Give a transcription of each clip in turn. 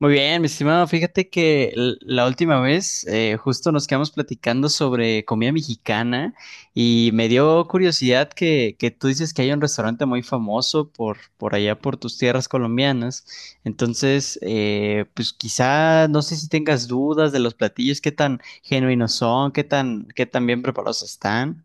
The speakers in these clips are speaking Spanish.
Muy bien, mi estimado, fíjate que la última vez, justo nos quedamos platicando sobre comida mexicana y me dio curiosidad que tú dices que hay un restaurante muy famoso por allá, por tus tierras colombianas. Entonces, pues quizá no sé si tengas dudas de los platillos, qué tan genuinos son, qué tan bien preparados están.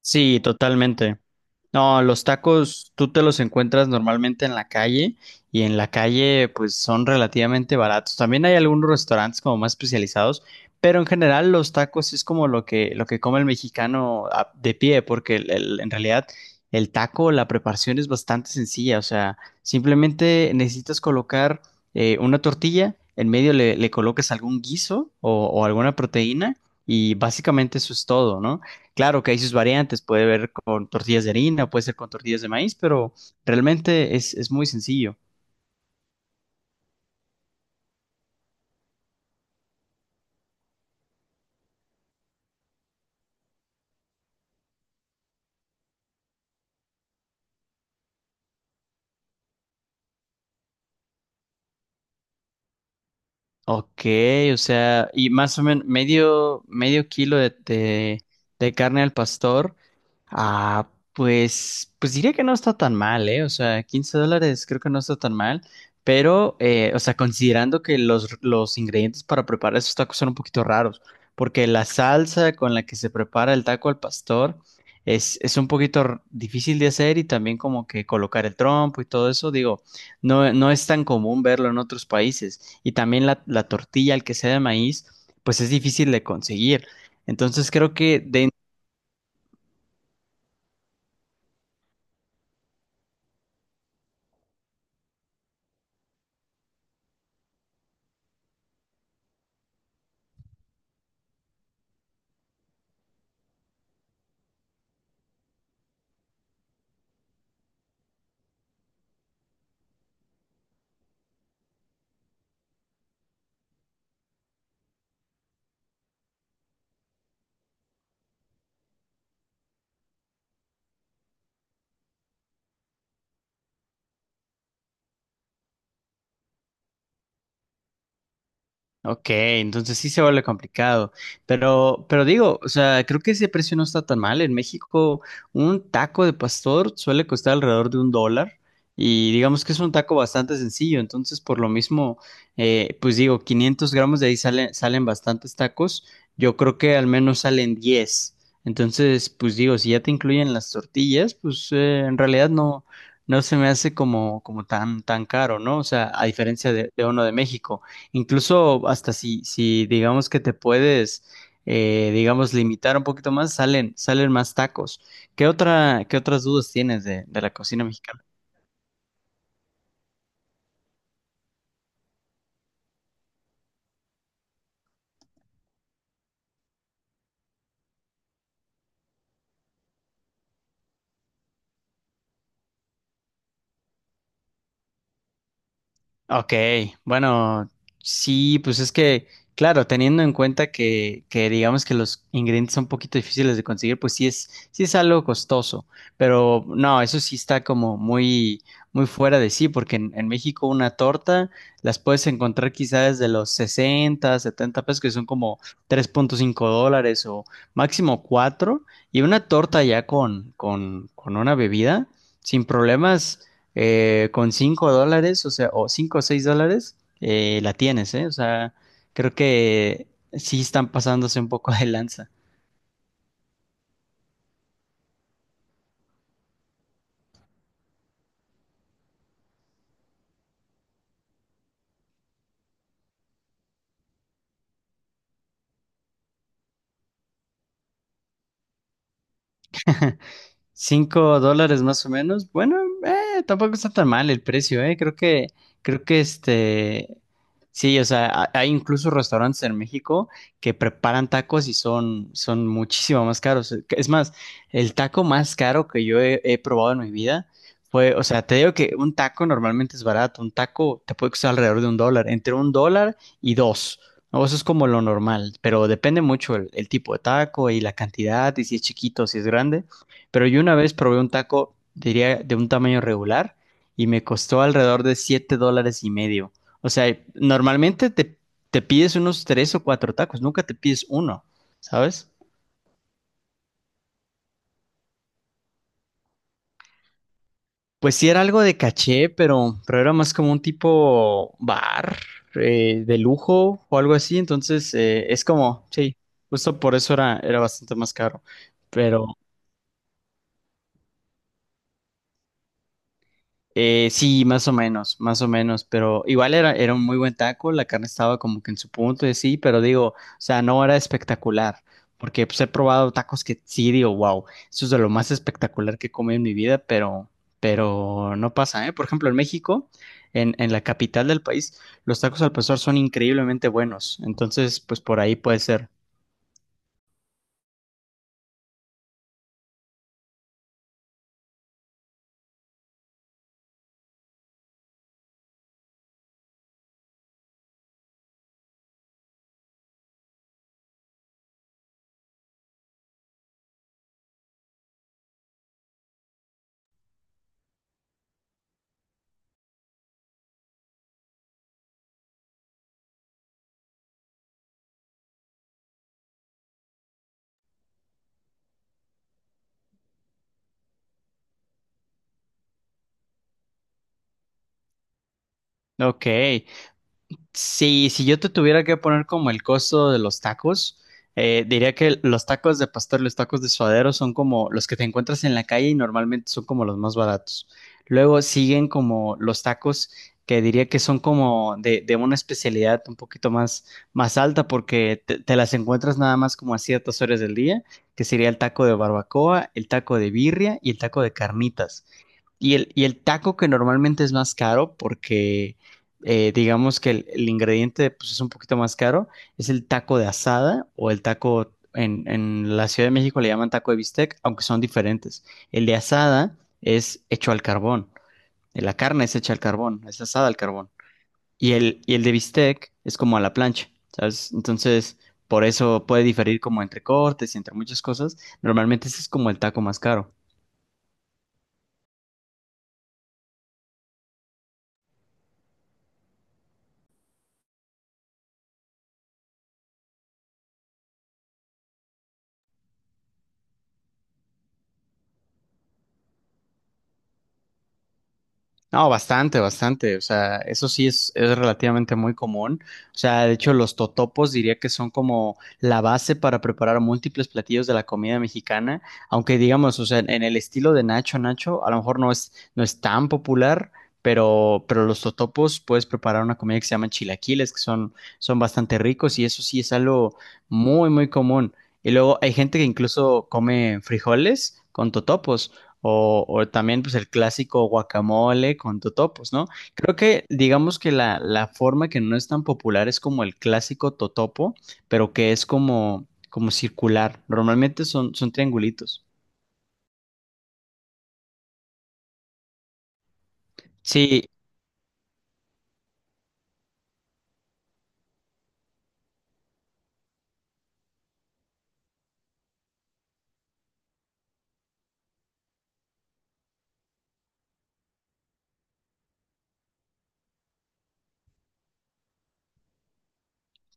Sí, totalmente. No, los tacos tú te los encuentras normalmente en la calle y en la calle pues son relativamente baratos. También hay algunos restaurantes como más especializados, pero en general los tacos es como lo que come el mexicano de pie, porque en realidad el taco, la preparación es bastante sencilla, o sea, simplemente necesitas colocar, una tortilla, en medio le colocas algún guiso o alguna proteína y básicamente eso es todo, ¿no? Claro que hay sus variantes, puede ver con tortillas de harina, puede ser con tortillas de maíz, pero realmente es muy sencillo. Ok, o sea, y más o menos medio kilo de carne al pastor. Ah, pues, pues diría que no está tan mal, ¿eh? O sea, $15 creo que no está tan mal, pero, o sea, considerando que los ingredientes para preparar esos tacos son un poquito raros, porque la salsa con la que se prepara el taco al pastor es un poquito difícil de hacer y también como que colocar el trompo y todo eso, digo, no, no es tan común verlo en otros países y también la tortilla, el que sea de maíz, pues es difícil de conseguir. Entonces creo que de. Ok, entonces sí se vuelve complicado, pero digo, o sea, creo que ese precio no está tan mal. En México, un taco de pastor suele costar alrededor de $1 y digamos que es un taco bastante sencillo, entonces por lo mismo, pues digo, 500 gramos de ahí salen bastantes tacos, yo creo que al menos salen 10. Entonces pues digo, si ya te incluyen las tortillas, pues, en realidad no, no se me hace como, como tan, tan caro, ¿no? O sea, a diferencia de uno de México. Incluso hasta si digamos que te puedes, digamos, limitar un poquito más, salen más tacos. ¿Qué otra, qué otras dudas tienes de la cocina mexicana? Ok, bueno, sí, pues es que, claro, teniendo en cuenta que digamos que los ingredientes son un poquito difíciles de conseguir, pues sí sí es algo costoso, pero no, eso sí está como muy, muy fuera de sí, porque en México una torta las puedes encontrar quizás desde los 60, 70 pesos, que son como $3.5 o máximo 4 y una torta ya con una bebida, sin problemas, con $5, o sea, o 5 o 6 dólares, la tienes, ¿eh? O sea, creo que sí están pasándose un poco de lanza. $5 más o menos. Bueno, tampoco está tan mal el precio, eh. Creo creo que este, sí, o sea, hay incluso restaurantes en México que preparan tacos y son muchísimo más caros. Es más, el taco más caro que yo he probado en mi vida fue, o sea, te digo que un taco normalmente es barato. Un taco te puede costar alrededor de un dólar, entre $1 y dos, ¿no? Eso es como lo normal, pero depende mucho el tipo de taco y la cantidad y si es chiquito, o si es grande. Pero yo una vez probé un taco, diría, de un tamaño regular y me costó alrededor de $7.50. O sea, normalmente te pides unos 3 o 4 tacos, nunca te pides uno, ¿sabes? Pues sí era algo de caché, pero era más como un tipo bar de lujo o algo así. Entonces, es como, sí, justo por eso era bastante más caro. Sí, más o menos, pero igual era un muy buen taco, la carne estaba como que en su punto y sí, pero digo, o sea, no era espectacular, porque pues he probado tacos que sí digo, wow, eso es de lo más espectacular que he comido en mi vida, pero no pasa, ¿eh? Por ejemplo, en México, en la capital del país, los tacos al pastor son increíblemente buenos, entonces, pues por ahí puede ser. Ok. Sí, si yo te tuviera que poner como el costo de los tacos, diría que los tacos de pastor, y los tacos de suadero son como los que te encuentras en la calle y normalmente son como los más baratos. Luego siguen como los tacos que diría que son como de una especialidad un poquito más, más alta porque te las encuentras nada más como a ciertas horas del día, que sería el taco de barbacoa, el taco de birria y el taco de carnitas. Y el taco que normalmente es más caro porque, digamos que el ingrediente pues, es un poquito más caro, es el taco de asada o el taco en la Ciudad de México le llaman taco de bistec, aunque son diferentes. El de asada es hecho al carbón, la carne es hecha al carbón, es asada al carbón. Y el de bistec es como a la plancha, ¿sabes? Entonces, por eso puede diferir como entre cortes y entre muchas cosas. Normalmente ese es como el taco más caro. No, bastante, bastante. O sea, eso sí es relativamente muy común. O sea, de hecho, los totopos diría que son como la base para preparar múltiples platillos de la comida mexicana. Aunque digamos, o sea, en el estilo de Nacho Nacho, a lo mejor no es tan popular, pero los totopos puedes preparar una comida que se llama chilaquiles, que son bastante ricos, y eso sí es algo muy, muy común. Y luego hay gente que incluso come frijoles con totopos. O también pues el clásico guacamole con totopos, ¿no? Creo que digamos que la forma que no es tan popular es como el clásico totopo, pero que es como, como circular. Normalmente son triangulitos. Sí,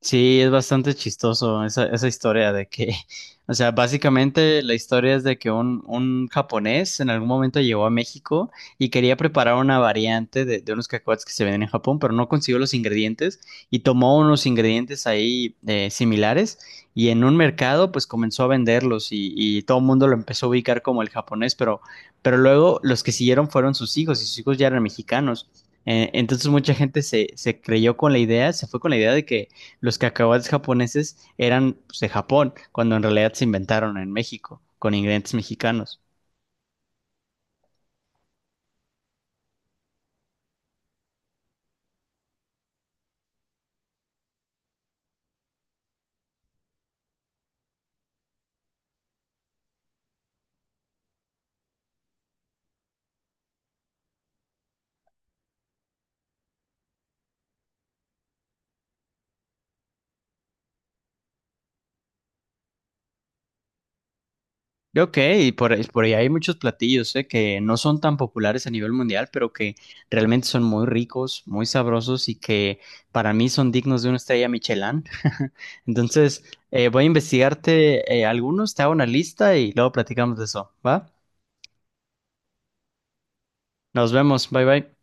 sí, es bastante chistoso esa, esa historia de que, o sea, básicamente la historia es de que un japonés en algún momento llegó a México y quería preparar una variante de unos cacahuates que se venden en Japón, pero no consiguió los ingredientes y tomó unos ingredientes ahí, similares y en un mercado pues comenzó a venderlos y todo el mundo lo empezó a ubicar como el japonés, pero luego los que siguieron fueron sus hijos y sus hijos ya eran mexicanos. Entonces mucha gente se creyó con la idea, se fue con la idea de que los cacahuates japoneses eran pues, de Japón, cuando en realidad se inventaron en México, con ingredientes mexicanos. Ok, y por ahí hay muchos platillos, que no son tan populares a nivel mundial, pero que realmente son muy ricos, muy sabrosos y que para mí son dignos de una estrella Michelin. Entonces, voy a investigarte, algunos, te hago una lista y luego platicamos de eso, ¿va? Nos vemos, bye bye.